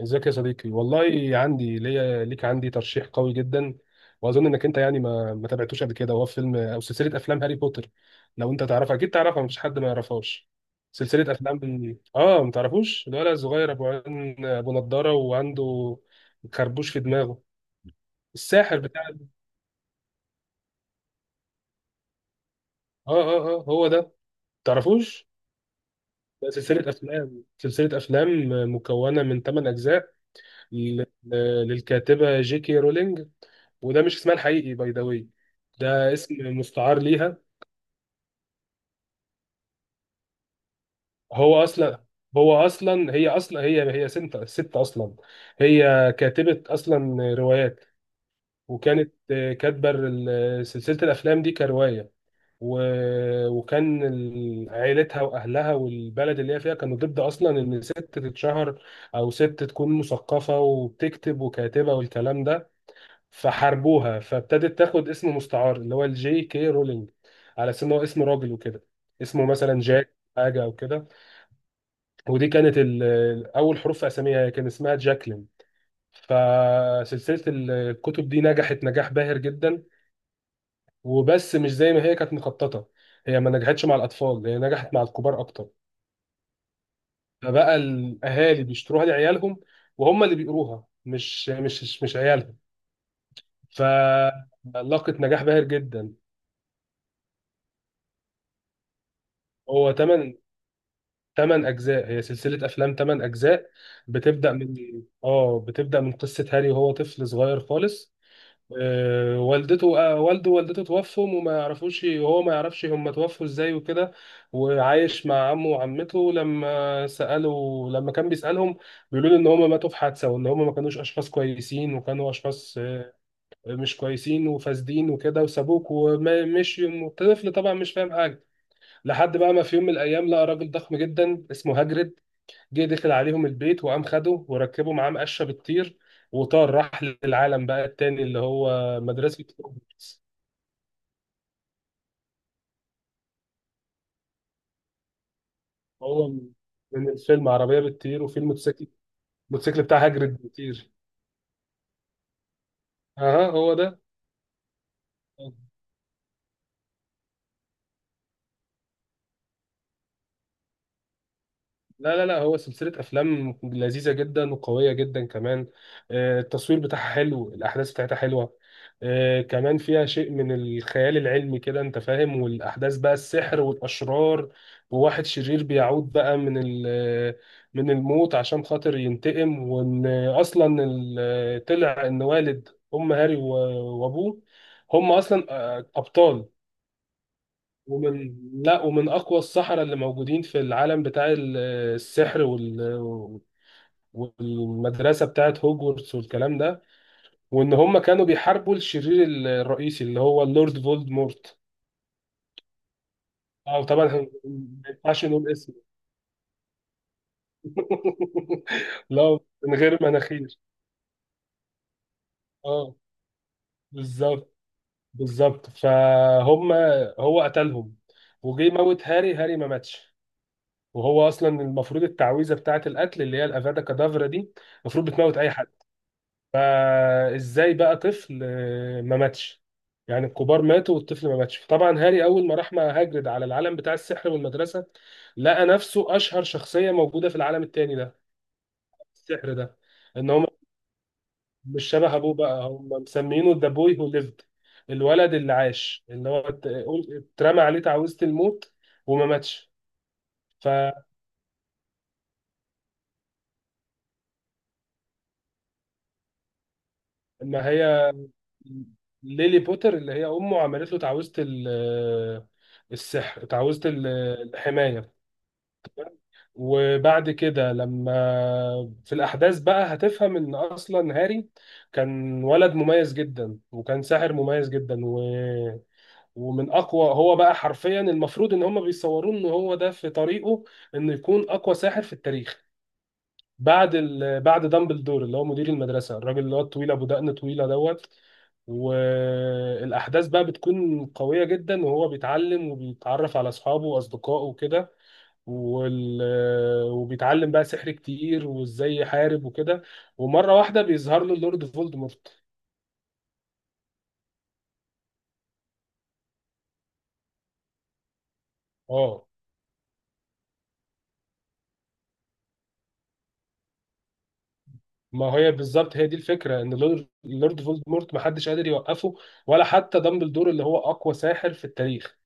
ازيك يا صديقي؟ والله عندي ليا ليك عندي ترشيح قوي جدا. واظن انك انت يعني ما تابعتوش قبل كده، وهو فيلم او سلسله افلام هاري بوتر. لو انت تعرفها اكيد تعرفها، مفيش حد ما يعرفهاش. سلسله افلام ما تعرفوش الولد الصغير ابو عين ابو نضاره وعنده خربوش في دماغه؟ الساحر بتاع اه هو ده، تعرفوش؟ ده سلسله افلام، مكونه من 8 اجزاء، لل- للكاتبه جي كي رولينج. وده مش اسمها الحقيقي باي ذا واي، ده اسم مستعار ليها. هو اصلا هو اصلا هي اصلا هي هي ست اصلا، هي كاتبة اصلا روايات. وكانت كاتبة سلسلة الافلام دي كرواية. و... وكان عائلتها واهلها والبلد اللي هي فيها كانوا ضد اصلا ان ست تتشهر، او ست تكون مثقفة وبتكتب وكاتبة والكلام ده. فحاربوها، فابتدت تاخد اسم مستعار اللي هو الجي كي رولينج، على اساس ان هو اسم راجل وكده. اسمه مثلا جاك حاجه او كده. ودي كانت اول حروف في اساميها، كان اسمها جاكلين. فسلسله الكتب دي نجحت نجاح باهر جدا، وبس مش زي ما هي كانت مخططه. هي ما نجحتش مع الاطفال، هي نجحت مع الكبار اكتر. فبقى الاهالي بيشتروها لعيالهم، وهم اللي بيقروها مش عيالهم. فلاقت نجاح باهر جدا. هو تمن ثمان اجزاء، هي سلسله افلام ثمان اجزاء. بتبدا من اه بتبدا من قصه هاري وهو طفل صغير خالص. آه، والدته آه، والده ووالدته توفوا، وما يعرفوش، وهو ما يعرفش هم توفوا ازاي وكده. وعايش مع عمه وعمته. لما سألوا، لما كان بيسألهم، بيقولوا له ان هم ماتوا في حادثة، وان هم ما كانوش اشخاص كويسين، وكانوا اشخاص مش كويسين وفاسدين وكده، وسابوك ومشي. الطفل طبعا مش فاهم حاجة، لحد بقى ما في يوم من الايام لقى راجل ضخم جدا اسمه هاجريد، جه دخل عليهم البيت وقام خده وركبه معاه مقشه بتطير، وطار راح للعالم بقى التاني اللي هو مدرسة هوجورتس. هو من الفيلم عربية بتطير، وفي الموتوسيكل بتاع هاجرد بيطير. اها، هو ده. لا، لا، لا، هو سلسلة أفلام لذيذة جدا وقوية جدا كمان. التصوير بتاعها حلو، الأحداث بتاعتها حلوة. كمان فيها شيء من الخيال العلمي، كده أنت فاهم، والأحداث بقى السحر والأشرار، وواحد شرير بيعود بقى من من الموت عشان خاطر ينتقم. وإن أصلا طلع إن والد أم هاري وأبوه هم أصلا أبطال. ومن لا ومن اقوى السحرة اللي موجودين في العالم بتاع السحر والمدرسة بتاعت هوجورتس والكلام ده. وان هم كانوا بيحاربوا الشرير الرئيسي اللي هو اللورد فولدمورت. اه، طبعا ما ينفعش نقول اسمه. لا، من غير مناخير. اه، بالظبط، بالظبط. فهم هو قتلهم، وجه يموت هاري، هاري ما ماتش. وهو اصلا المفروض التعويذه بتاعه القتل اللي هي الافادا كادافرا دي، المفروض بتموت اي حد. فازاي بقى طفل ما ماتش؟ يعني الكبار ماتوا والطفل ما ماتش. فطبعا هاري اول ما راح مع هاجرد على العالم بتاع السحر والمدرسه، لقى نفسه اشهر شخصيه موجوده في العالم التاني ده، السحر ده. ان هم مش شبه ابوه، بقى هم مسمينه ذا بوي هو ليفد، الولد اللي عاش، اللي هو اترمى عليه تعويذه الموت وما ماتش. فما هي ليلي بوتر اللي هي امه عملت له تعويذه السحر، تعويذه الحمايه. وبعد كده، لما في الأحداث بقى، هتفهم إن أصلا هاري كان ولد مميز جدا وكان ساحر مميز جدا ومن أقوى. هو بقى حرفيا المفروض إن هما بيصوروه إن هو ده في طريقه إنه يكون أقوى ساحر في التاريخ بعد بعد دامبلدور اللي هو مدير المدرسة، الراجل اللي هو الطويل أبو دقن طويلة دوت. والأحداث بقى بتكون قوية جدا، وهو بيتعلم وبيتعرف على أصحابه وأصدقائه وكده. وال... وبيتعلم بقى سحر كتير وازاي يحارب وكده. ومره واحده بيظهر له اللورد فولدمورت. اه ما هي بالظبط، هي دي الفكره ان اللورد، فولدمورت محدش قادر يوقفه، ولا حتى دامبلدور اللي هو اقوى ساحر في التاريخ.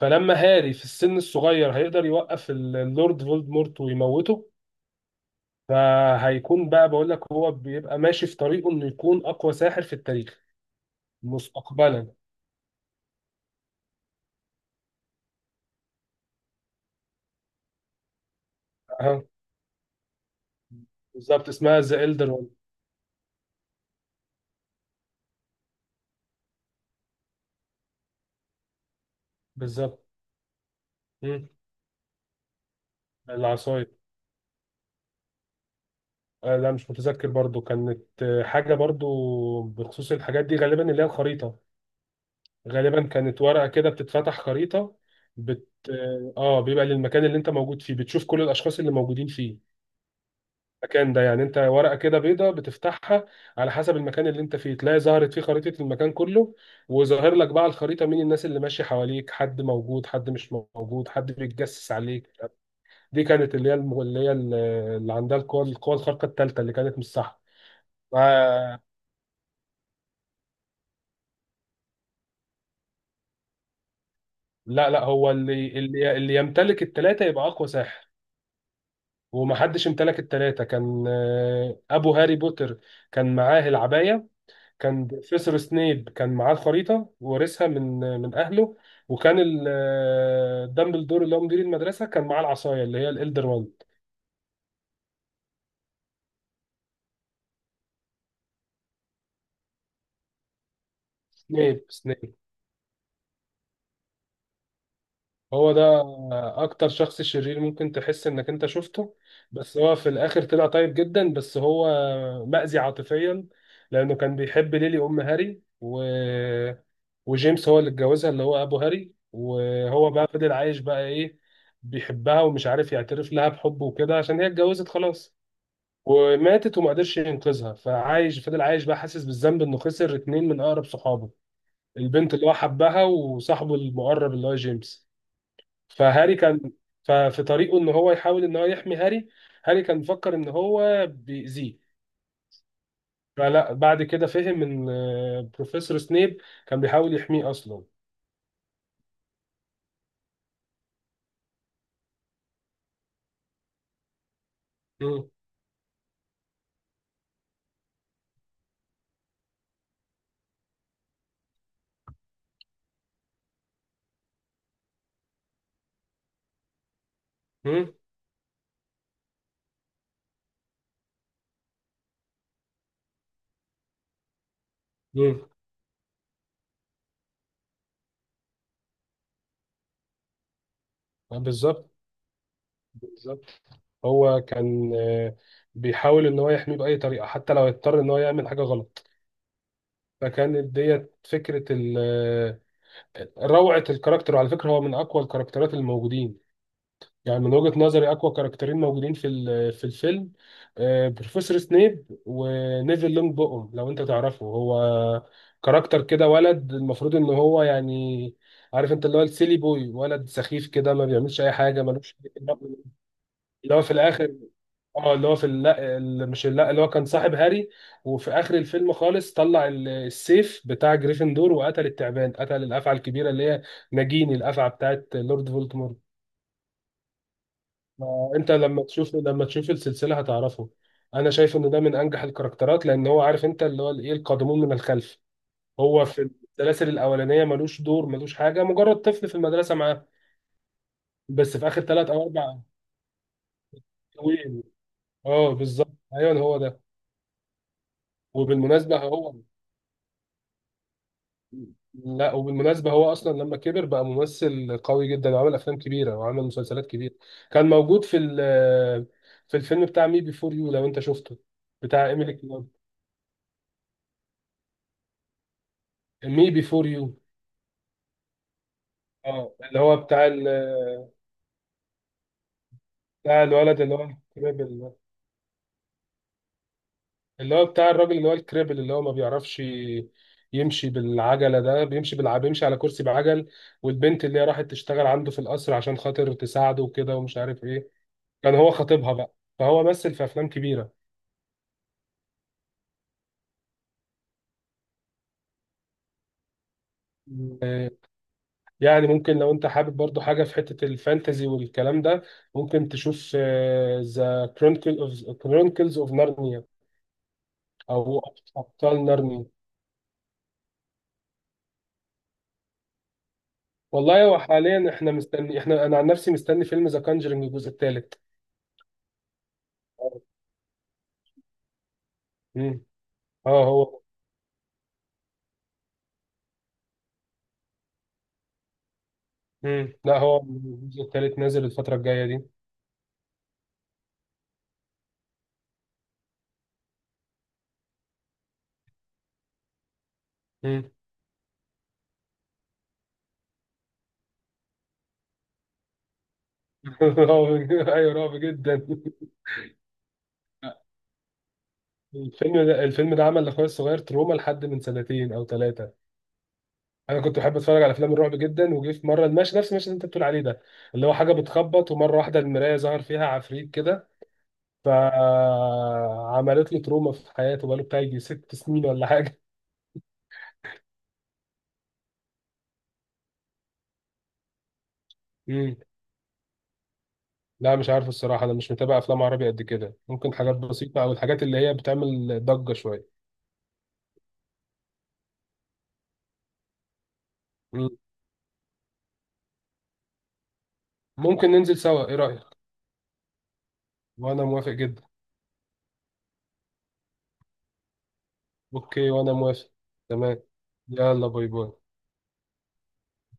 فلما هاري في السن الصغير هيقدر يوقف اللورد فولدمورت ويموته، فهيكون بقى، بقول لك، هو بيبقى ماشي في طريقه انه يكون اقوى ساحر في التاريخ مستقبلا. اه، بالظبط، اسمها ذا إلدر. بالظبط. مم. العصاية. لا، مش متذكر برضو. كانت حاجة برضو بخصوص الحاجات دي، غالبا اللي هي الخريطة. غالبا كانت ورقة كده بتتفتح خريطة. بت اه آه، بيبقى للمكان اللي انت موجود فيه، بتشوف كل الأشخاص اللي موجودين فيه، المكان ده يعني. انت ورقة كده بيضة بتفتحها، على حسب المكان اللي انت فيه تلاقي ظهرت فيه خريطة المكان كله. وظاهر لك بقى على الخريطة مين الناس اللي ماشية حواليك، حد موجود، حد مش موجود، حد بيتجسس عليك. دي كانت اللي هي اللي عندها القوى، الخارقة الثالثة، اللي كانت مش صح. لا، لا، هو اللي يمتلك التلاتة يبقى أقوى ساحر. ومحدش امتلك التلاتة، كان أبو هاري بوتر كان معاه العباية، كان بروفيسور سنيب كان معاه الخريطة وورثها من من أهله، وكان دامبلدور اللي هو مدير المدرسة كان معاه العصاية اللي هي الإلدر. وان سنيب هو ده اكتر شخص شرير ممكن تحس انك انت شفته، بس هو في الاخر طلع طيب جدا. بس هو مأذي عاطفيا، لانه كان بيحب ليلي ام هاري، وجيمس هو اللي اتجوزها اللي هو ابو هاري، وهو بقى فضل عايش بقى ايه، بيحبها ومش عارف يعترف لها بحبه وكده، عشان هي اتجوزت خلاص وماتت، وما قدرش ينقذها. فعايش، فضل عايش بقى حاسس بالذنب انه خسر اتنين من اقرب صحابه، البنت اللي هو حبها وصاحبه المقرب اللي هو جيمس. فهاري كان، ففي طريقه ان هو يحاول ان هو يحمي هاري. هاري كان مفكر ان هو بيأذيه، فلا، بعد كده فهم ان بروفيسور سنيب كان بيحاول يحميه اصلا. مم. مم. مم. بالظبط، بالظبط. هو كان بيحاول ان هو يحميه بأي طريقة، حتى لو يضطر ان هو يعمل حاجة غلط. فكانت ديت فكرة روعة الكاركتر. وعلى فكرة، هو من اقوى الكاركترات الموجودين. يعني من وجهة نظري أقوى كاركترين موجودين في الفيلم، بروفيسور سنيب ونيفل لونج بوم، لو أنت تعرفه. هو كاركتر كده، ولد، المفروض إن هو يعني، عارف أنت، اللي هو السيلي بوي، ولد سخيف كده ما بيعملش أي حاجة ملوش. اللي هو في الآخر، اه، اللي هو في، لا ال- مش لا اللي هو كان صاحب هاري. وفي اخر الفيلم خالص طلع السيف بتاع جريفندور، وقتل التعبان، قتل الافعى الكبيره اللي هي ناجيني، الافعى بتاعت لورد فولدمورت. ما انت، لما تشوف، السلسله هتعرفه. انا شايف ان ده من انجح الكاركترات، لان هو، عارف انت، اللي هو ايه القادمون من الخلف. هو في السلاسل الاولانيه ملوش دور، ملوش حاجه، مجرد طفل في المدرسه معاه. بس في اخر ثلاث او اربع حلوين. اه، بالظبط، ايوه، هو ده. وبالمناسبه هو، لا وبالمناسبه هو اصلا لما كبر بقى ممثل قوي جدا، وعمل افلام كبيره، وعمل مسلسلات كبيره. كان موجود في الفيلم بتاع مي بيفور يو لو انت شفته، بتاع ايميلي كلارك. مي بيفور يو، اه اللي هو بتاع بتاع الولد اللي هو الكريبل، اللي هو بتاع الراجل اللي هو الكريبل اللي هو ما بيعرفش يمشي بالعجلة، ده بيمشي بيمشي على كرسي بعجل. والبنت اللي هي راحت تشتغل عنده في القصر عشان خاطر تساعده وكده ومش عارف ايه، كان هو خطيبها بقى. فهو مثل في افلام كبيرة. يعني ممكن لو انت حابب برضو حاجة في حتة الفانتزي والكلام ده، ممكن تشوف ذا كرونيكلز اوف نارنيا، او ابطال نارنيا. والله هو حاليا احنا مستني احنا انا عن نفسي مستني فيلم ذا كانجرينج الجزء الثالث. امم. اه هو. لا، هو الجزء الثالث نازل الفترة الجاية دي. امم. رعب ايوه، رعب جدا. الفيلم ده عمل لاخويا الصغير تروما لحد من سنتين او ثلاثه. انا كنت بحب اتفرج على افلام الرعب جدا، وجه في مره المشهد، نفس المشهد اللي انت بتقول عليه ده، اللي هو حاجه بتخبط ومره واحده المرايه ظهر فيها عفريت كده، فعملت له تروما في حياته بقاله بتاع يجي 6 سنين ولا حاجه. مم. لا، مش عارف الصراحة، أنا مش متابع أفلام عربي قد كده، ممكن حاجات بسيطة أو الحاجات اللي هي بتعمل ضجة شوية. مم. ممكن ننزل سوا، إيه رأيك؟ وأنا موافق جدا. أوكي، وأنا موافق. تمام. يلا، باي باي.